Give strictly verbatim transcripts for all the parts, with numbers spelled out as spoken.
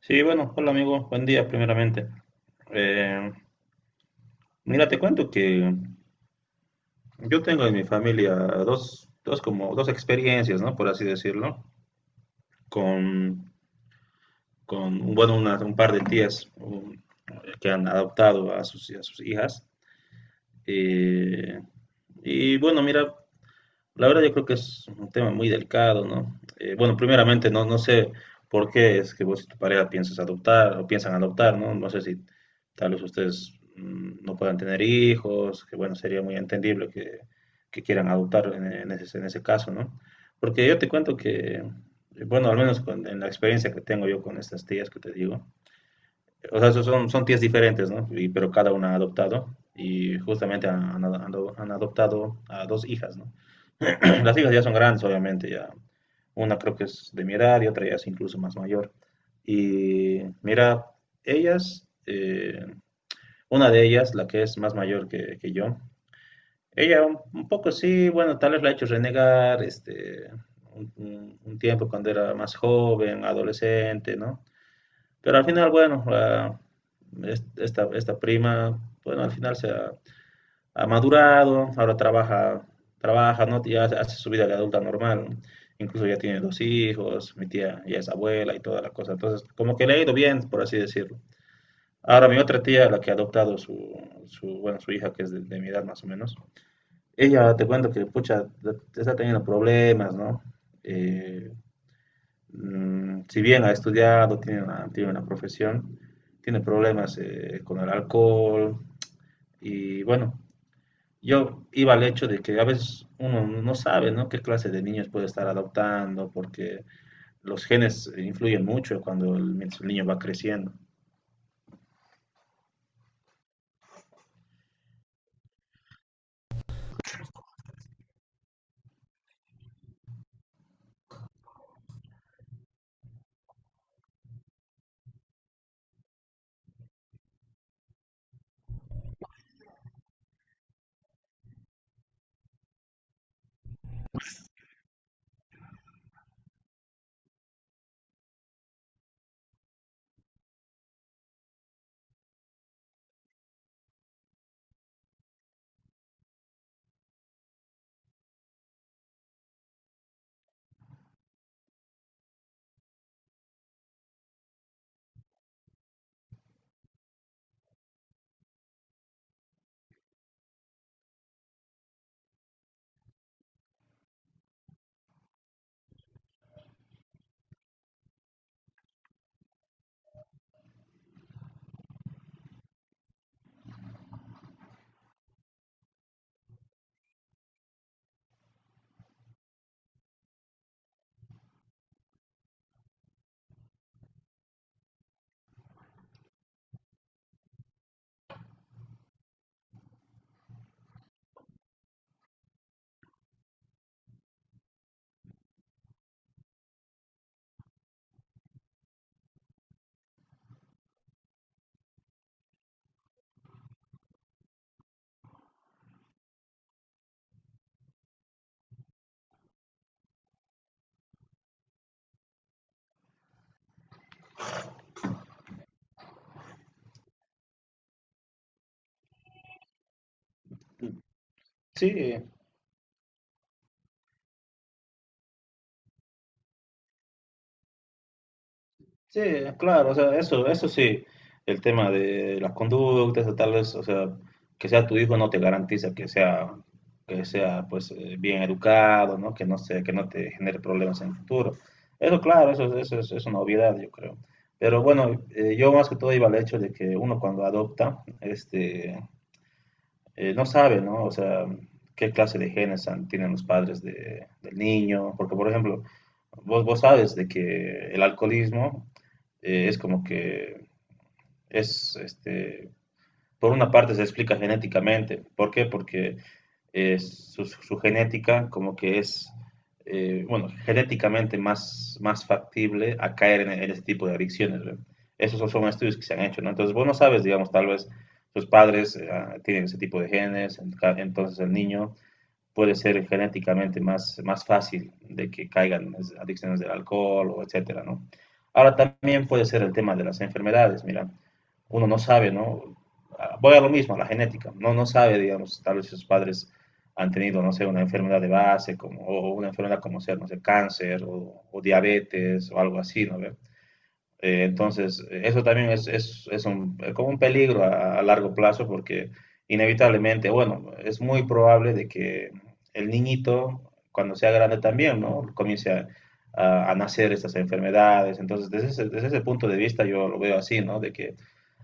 Sí, bueno, hola amigo, buen día primeramente. Eh, Mira, te cuento que yo tengo en mi familia dos, dos como dos experiencias, ¿no? Por así decirlo, con, con bueno, una- un par de tías un- que han adoptado a sus, a sus hijas. Eh, y bueno, mira, la verdad yo creo que es un tema muy delicado, ¿no? Eh, bueno, primeramente no, no sé por qué es que vos y tu pareja piensas adoptar o piensan adoptar, ¿no? No sé si tal vez ustedes mm, no puedan tener hijos, que bueno, sería muy entendible que, que quieran adoptar en, en ese, en ese caso, ¿no? Porque yo te cuento que, eh, bueno, al menos con- en la experiencia que tengo yo con estas tías que te digo, o sea, so- son, son tías diferentes, ¿no? Y- pero cada una ha adoptado y justamente han, han- han adoptado a dos hijas, ¿no? Las hijas ya son grandes, obviamente, ya. Una creo que es de mi edad y otra ya es incluso más mayor. Y mira, ellas, eh, una de ellas, la que es más mayor que, que yo, ella un, un poco sí, bueno, tal vez la ha hecho renegar, este, un, un- un tiempo cuando era más joven, adolescente, ¿no? Pero al final, bueno, la- es- esta, esta prima, bueno, al final se ha, ha madurado, ahora trabaja, trabaja, ¿no? Ya hace su vida de adulta normal, incluso ya tiene dos hijos, mi tía ya es abuela y toda la cosa, entonces como que le ha ido bien, por así decirlo. Ahora mi otra tía, la que ha adoptado su, su bueno, su hija, que es de, de mi edad más o menos, ella te cuento que, pucha, está teniendo problemas, ¿no? Eh, mm, si bien ha estudiado, tiene una, tiene una profesión, tiene problemas eh, con el alcohol y bueno, yo iba al hecho de que a veces uno no sabe, ¿no? Qué clase de niños puede estar adoptando, porque los genes influyen mucho cuando el, mientras el niño va creciendo. Sí, sí, claro, o sea, eso, eso sí, el tema de las conductas, o tal vez, o sea, que sea tu hijo no te garantiza que sea, que sea, pues, eh, bien educado, ¿no? Que no se, que no te genere problemas en el futuro. Eso, claro, eso, eso es, es una obviedad, yo creo. Pero bueno, eh, yo más que todo iba al hecho de que uno cuando adopta, este, eh, no sabe, ¿no? O sea, qué clase de genes han- tienen los padres de- del niño, porque, por ejemplo, Vos, vos sabes de que el alcoholismo eh, es como que es, este, por una parte se explica genéticamente. ¿Por qué? Porque eh, su, su, genética como que es, eh, bueno, genéticamente más, más factible a caer en, en este tipo de adicciones. ¿Ve? Esos son, son estudios que se han hecho, ¿no? Entonces, vos no sabes, digamos, tal vez tus padres eh, ah, tienen ese tipo de genes, entonces el niño puede ser genéticamente más, más fácil de que caigan adicciones del alcohol o etcétera, ¿no? Ahora también puede ser el tema de las enfermedades, mira, uno no sabe, ¿no? Ah, Voy a lo mismo, a la genética, no, no sabe, digamos, tal vez sus padres han tenido, no sé, una enfermedad de base como, o una enfermedad como ser, no sé, cáncer o, o diabetes o algo así, ¿no? ¿Ve? Eh, entonces, eso también es, es, es un, como un peligro a, a largo plazo porque inevitablemente, bueno, es muy probable de que el niñito, cuando sea grande también, ¿no? Comience a, a- a nacer estas enfermedades. Entonces, desde ese, desde ese punto de vista yo lo veo así, ¿no? De que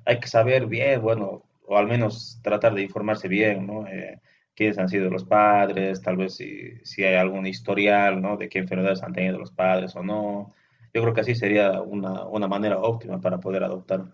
hay que saber bien, bueno, o al menos tratar de informarse bien, ¿no? Eh, quiénes han sido los padres, tal vez si, si hay algún historial, ¿no? De qué enfermedades han tenido los padres o no. Yo creo que así sería una, una manera óptima para poder adoptar.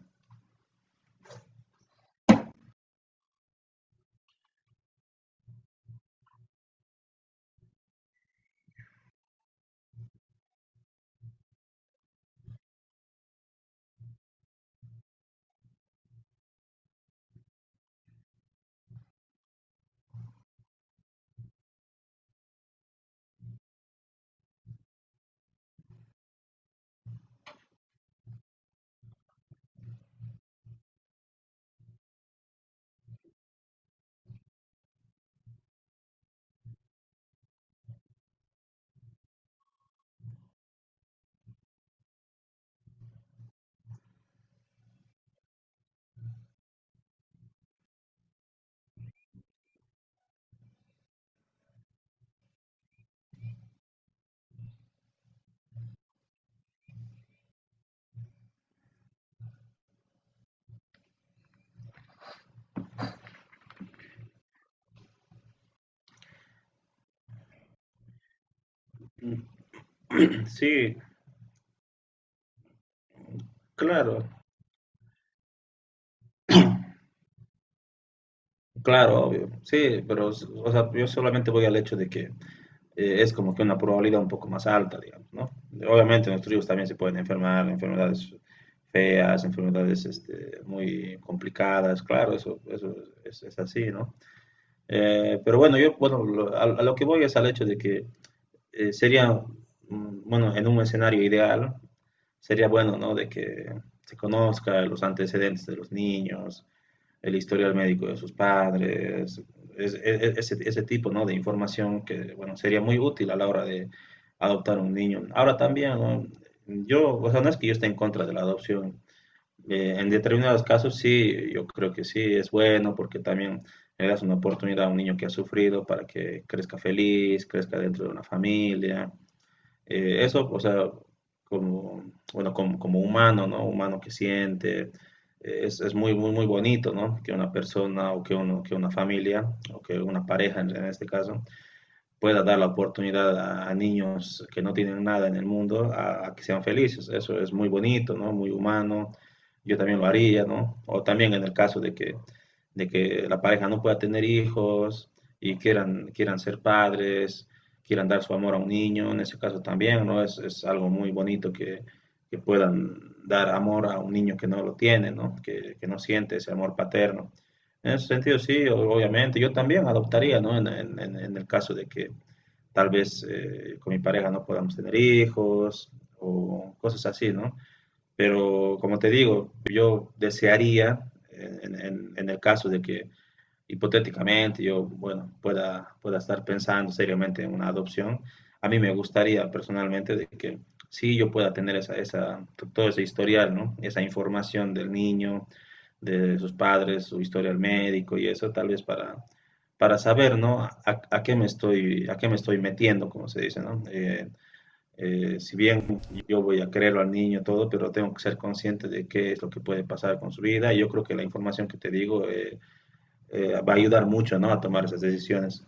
Mm, sí, claro, claro, obvio. Sí, pero o sea, yo solamente voy al hecho de que eh, es como que una probabilidad un poco más alta, digamos, ¿no? Obviamente los trigos también se pueden enfermar, enfermedades feas, enfermedades este, muy complicadas, claro, eso, eso es, es así, ¿no? Eh, pero bueno, yo, bueno, lo- a, a lo que voy es al hecho de que eh, sería, mm, bueno, en un escenario ideal, sería bueno, ¿no? De que se conozca los antecedentes de los niños, el historial médico de sus padres, es, es, ese, ese tipo ¿no? de información que bueno, sería muy útil a la hora de adoptar un niño. Ahora también, ¿no? Yo, o sea, no es que yo esté en contra de la adopción. Eh, en determinados casos sí, yo creo que sí, es bueno porque también le das una oportunidad a un niño que ha sufrido para que crezca feliz, crezca dentro de una familia. Eh, eso, o sea, como, bueno, como, como humano, ¿no? Humano que siente, eh, es, es muy, muy, muy bonito, ¿no? Que una persona o que, uno, que una familia o que una pareja en, en este caso pueda dar la oportunidad a, a, niños que no tienen nada en el mundo a, a, que sean felices. Eso es muy bonito, ¿no? Muy humano. Yo también lo haría, ¿no? O también en el caso de que, de que la pareja no pueda tener hijos y quieran, quieran ser padres, quieran dar su amor a un niño, en ese caso también, ¿no? Es, es algo muy bonito que, que, puedan dar amor a un niño que no lo tiene, ¿no? Que, que no siente ese amor paterno. En ese sentido, sí, o- obviamente, yo también adoptaría, ¿no? En, en, en en el caso de que, tal vez eh, con mi pareja no podamos tener hijos o cosas así, ¿no? Pero como te digo, yo desearía, en, en, en el caso de que hipotéticamente yo, bueno, pueda, pueda estar pensando seriamente en una adopción, a mí me gustaría personalmente de que sí yo pueda tener esa, esa, todo ese historial, ¿no? Esa información del niño, de sus padres, su historia al médico y eso, tal vez para, para saber, ¿no? A, a qué me estoy, a qué me estoy metiendo, como se dice, ¿no? Eh, eh, si bien yo voy a creerlo al niño todo, pero tengo que ser consciente de qué es lo que puede pasar con su vida. Y yo creo que la información que te digo eh, eh, va a ayudar mucho, ¿no? A tomar esas decisiones.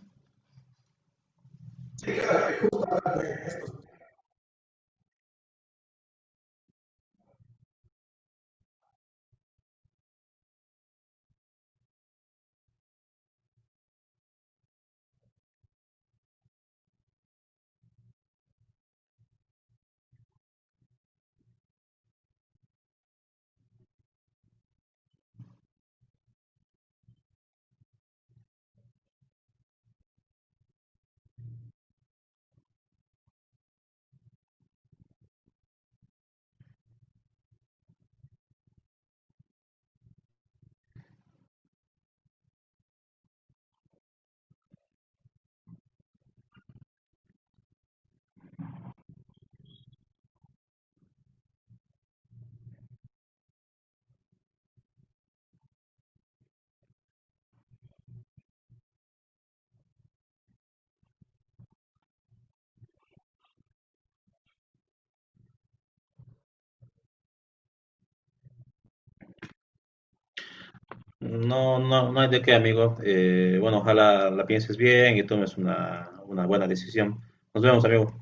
No, no, no hay de qué, amigo. Eh, bueno, ojalá la pienses bien y tomes una, una buena decisión. Nos vemos, amigo.